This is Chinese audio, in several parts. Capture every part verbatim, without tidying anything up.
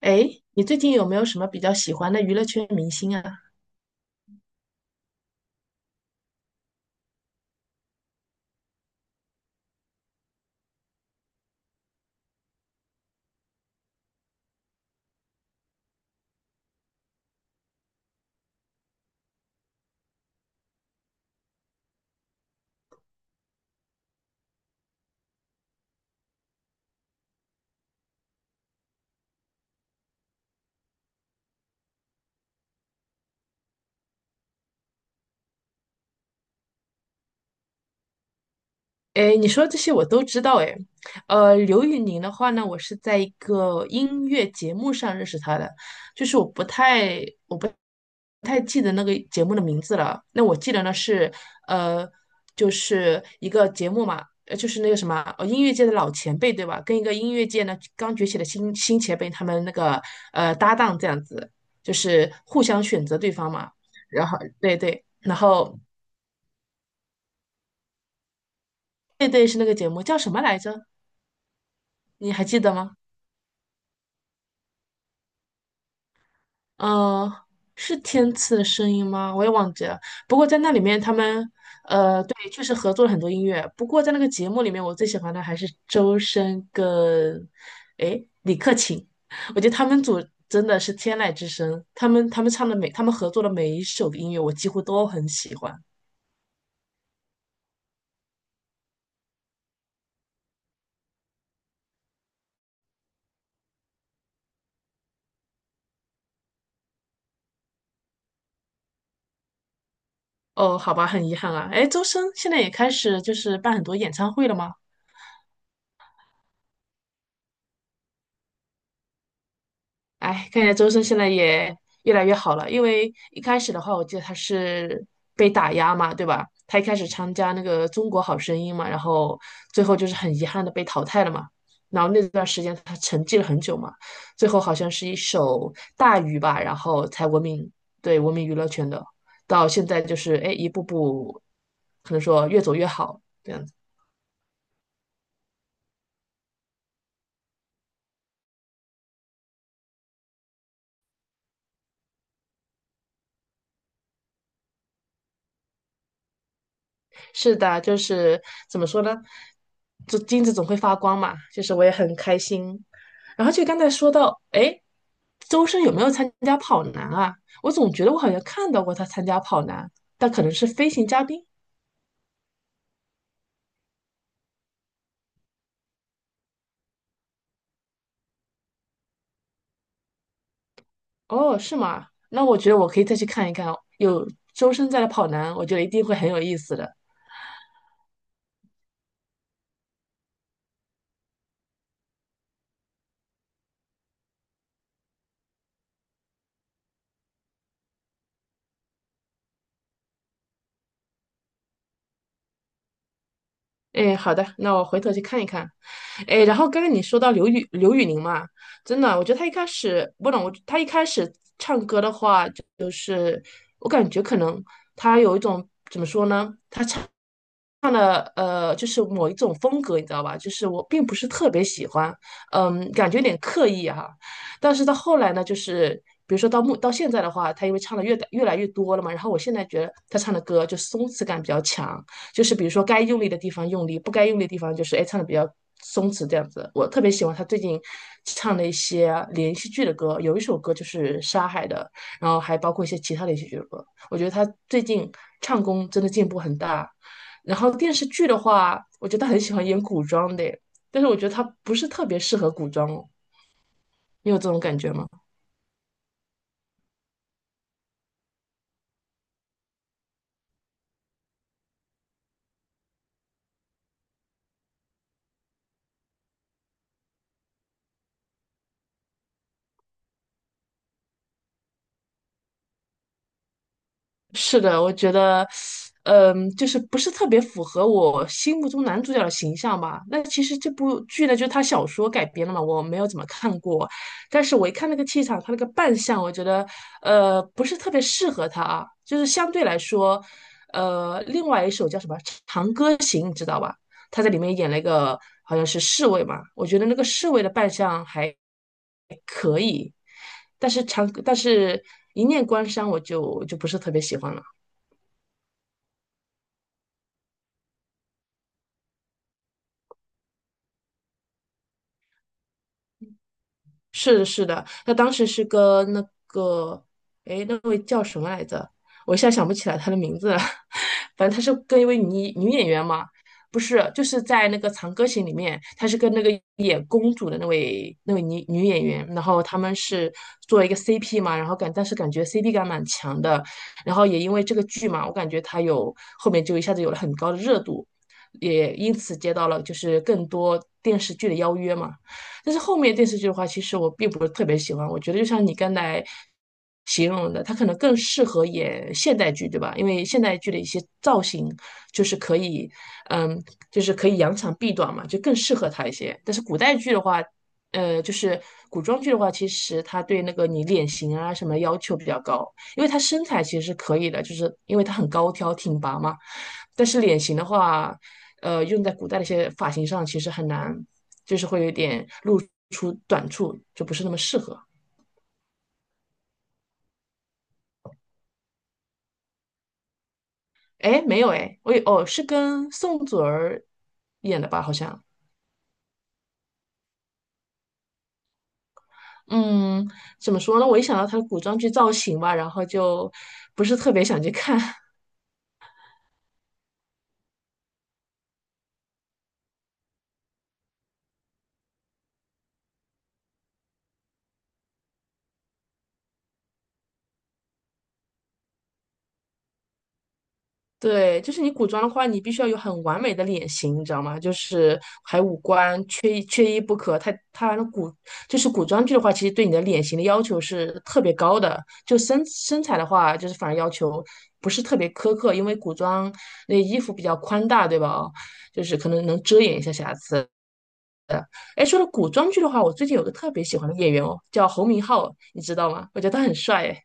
诶，你最近有没有什么比较喜欢的娱乐圈明星啊？诶，你说这些我都知道诶。呃，刘宇宁的话呢，我是在一个音乐节目上认识他的，就是我不太我不太记得那个节目的名字了。那我记得呢是呃，就是一个节目嘛，呃，就是那个什么，呃，音乐界的老前辈对吧？跟一个音乐界呢刚崛起的新新前辈他们那个呃搭档这样子，就是互相选择对方嘛。然后对对，然后对对，是那个节目，叫什么来着？你还记得吗？嗯，是天赐的声音吗？我也忘记了。不过在那里面，他们呃，对，确实合作了很多音乐。不过在那个节目里面，我最喜欢的还是周深跟诶李克勤，我觉得他们组真的是天籁之声。他们他们唱的每他们合作的每一首的音乐，我几乎都很喜欢。哦，好吧，很遗憾啊。诶，周深现在也开始就是办很多演唱会了吗？哎，看起来周深现在也越来越好了，因为一开始的话，我记得他是被打压嘛，对吧？他一开始参加那个《中国好声音》嘛，然后最后就是很遗憾的被淘汰了嘛。然后那段时间他沉寂了很久嘛，最后好像是一首《大鱼》吧，然后才闻名，对，闻名娱乐圈的。到现在就是哎，一步步可能说越走越好。这样子。是的，就是怎么说呢？这金子总会发光嘛，就是我也很开心。然后就刚才说到，哎，周深有没有参加跑男啊？我总觉得我好像看到过他参加跑男，但可能是飞行嘉宾。哦，是吗？那我觉得我可以再去看一看哦，有周深在的跑男，我觉得一定会很有意思的。哎，好的，那我回头去看一看。哎，然后刚刚你说到刘宇刘宇宁嘛，真的，我觉得他一开始不懂，我他一开始唱歌的话，就是我感觉可能他有一种怎么说呢？唱的呃，就是某一种风格，你知道吧？就是我并不是特别喜欢，嗯，感觉有点刻意哈、但是到后来呢，就是比如说到目到现在的话，他因为唱的越越来越多了嘛，然后我现在觉得他唱的歌就松弛感比较强，就是比如说该用力的地方用力，不该用力的地方就是哎唱的比较松弛这样子。我特别喜欢他最近唱的一些连续剧的歌，有一首歌就是《沙海》的，然后还包括一些其他连续剧的歌。我觉得他最近唱功真的进步很大，然后电视剧的话，我觉得他很喜欢演古装的耶，但是我觉得他不是特别适合古装哦，你有这种感觉吗？是的，我觉得，嗯，就是不是特别符合我心目中男主角的形象吧。那其实这部剧呢，就是他小说改编的嘛，我没有怎么看过，但是我一看那个气场，他那个扮相，我觉得，呃，不是特别适合他啊。就是相对来说，呃，另外一首叫什么《长歌行》，你知道吧？他在里面演了一个好像是侍卫嘛，我觉得那个侍卫的扮相还，但是长，但是一念关山，我就就不是特别喜欢了。是的，是的，他当时是跟那个，哎，那位叫什么来着？我一下想不起来他的名字了。反正他是跟一位女女演员嘛，不是，就是在那个《长歌行》里面，他是跟那个演公主的那位那位女女演员，然后他们是做了一个 C P 嘛，然后感但是感觉 C P 感蛮强的，然后也因为这个剧嘛，我感觉他有后面就一下子有了很高的热度，也因此接到了就是更多电视剧的邀约嘛。但是后面电视剧的话，其实我并不是特别喜欢。我觉得就像你刚才形容的，他可能更适合演现代剧，对吧？因为现代剧的一些造型就是可以，嗯，就是可以扬长避短嘛，就更适合他一些。但是古代剧的话，呃，就是古装剧的话，其实他对那个你脸型啊什么要求比较高，因为他身材其实是可以的，就是因为他很高挑挺拔嘛。但是脸型的话，呃，用在古代的一些发型上其实很难，就是会有点露出短处，就不是那么适合。哎，没有哎，我也哦是跟宋祖儿演的吧，好像。嗯，怎么说呢？我一想到她的古装剧造型吧，然后就不是特别想去看。对，就是你古装的话，你必须要有很完美的脸型，你知道吗？就是还有五官，缺一缺一不可。它它那古，就是古装剧的话，其实对你的脸型的要求是特别高的。就身身材的话，就是反而要求不是特别苛刻，因为古装那衣服比较宽大，对吧？哦，就是可能能遮掩一下瑕疵。哎，说到古装剧的话，我最近有个特别喜欢的演员哦，叫侯明昊，你知道吗？我觉得他很帅哎。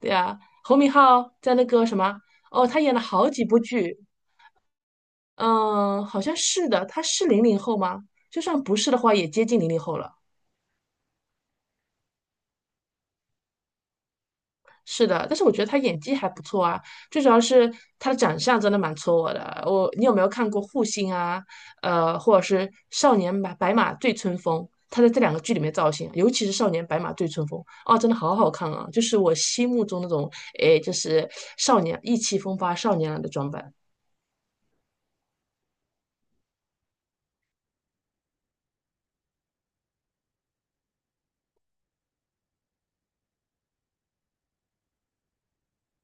对啊，侯明昊在那个什么。哦，他演了好几部剧，嗯，好像是的，他是零零后吗？就算不是的话，也接近零零后了。是的，但是我觉得他演技还不错啊，最主要是他的长相真的蛮戳我的。我，你有没有看过《护心》啊？呃，或者是《少年白白马醉春风》？他在这两个剧里面造型，尤其是《少年白马醉春风》，哦，真的好好看啊！就是我心目中那种，诶，就是少年意气风发少年郎的装扮。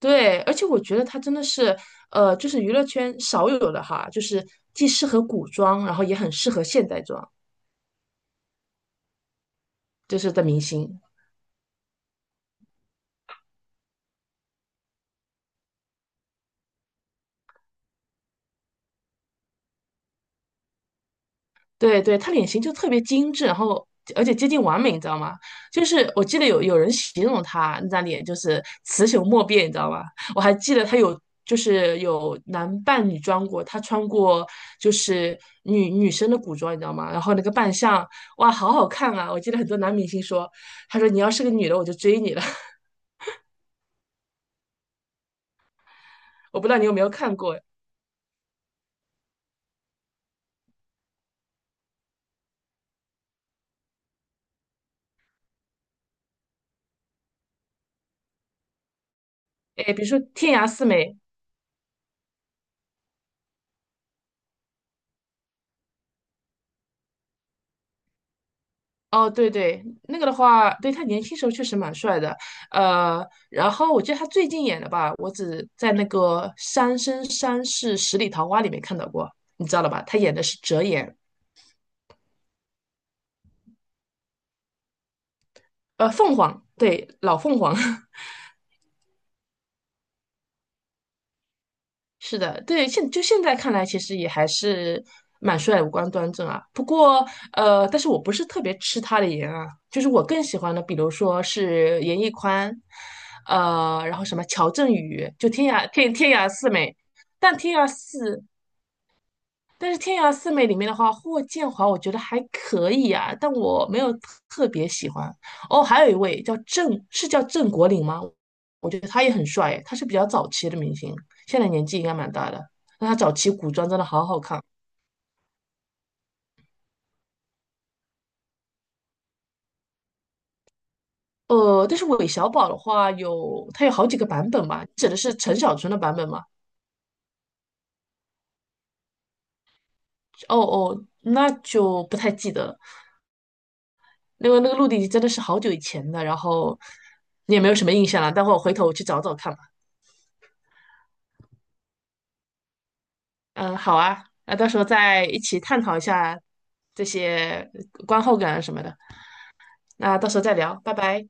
对，而且我觉得它真的是，呃，就是娱乐圈少有的哈，就是既适合古装，然后也很适合现代装，就是的明星。对对，她脸型就特别精致，然后而且接近完美，你知道吗？就是我记得有有人形容她那张脸就是雌雄莫辨，你知道吗？我还记得她有就是有男扮女装过，她穿过就是女女生的古装，你知道吗？然后那个扮相，哇，好好看啊！我记得很多男明星说，他说你要是个女的，我就追你了。我不知道你有没有看过，哎，比如说《天涯四美》，哦，对对，那个的话，对他年轻时候确实蛮帅的，呃，然后我记得他最近演的吧，我只在那个《三生三世十里桃花》里面看到过，你知道了吧？他演的是折颜，呃，凤凰，对，老凤凰，是的，对，现就现在看来，其实也还是蛮帅，五官端正啊。不过，呃，但是我不是特别吃他的颜啊，就是我更喜欢的，比如说是严屹宽，呃，然后什么乔振宇，就天涯天天涯四美，但天涯四但是天涯四美里面的话，霍建华我觉得还可以啊，但我没有特别喜欢。哦，还有一位叫郑，是叫郑国岭吗？我觉得他也很帅诶，他是比较早期的明星，现在年纪应该蛮大的。那他早期古装真的好好看。呃，但是韦小宝的话有，他有好几个版本吧？指的是陈小春的版本吗？哦哦，那就不太记得了。那个那个《鹿鼎记》真的是好久以前的，然后你也没有什么印象了。待会儿我回头我去找找看吧。嗯，好啊，那到时候再一起探讨一下这些呃观后感啊什么的。那到时候再聊，拜拜。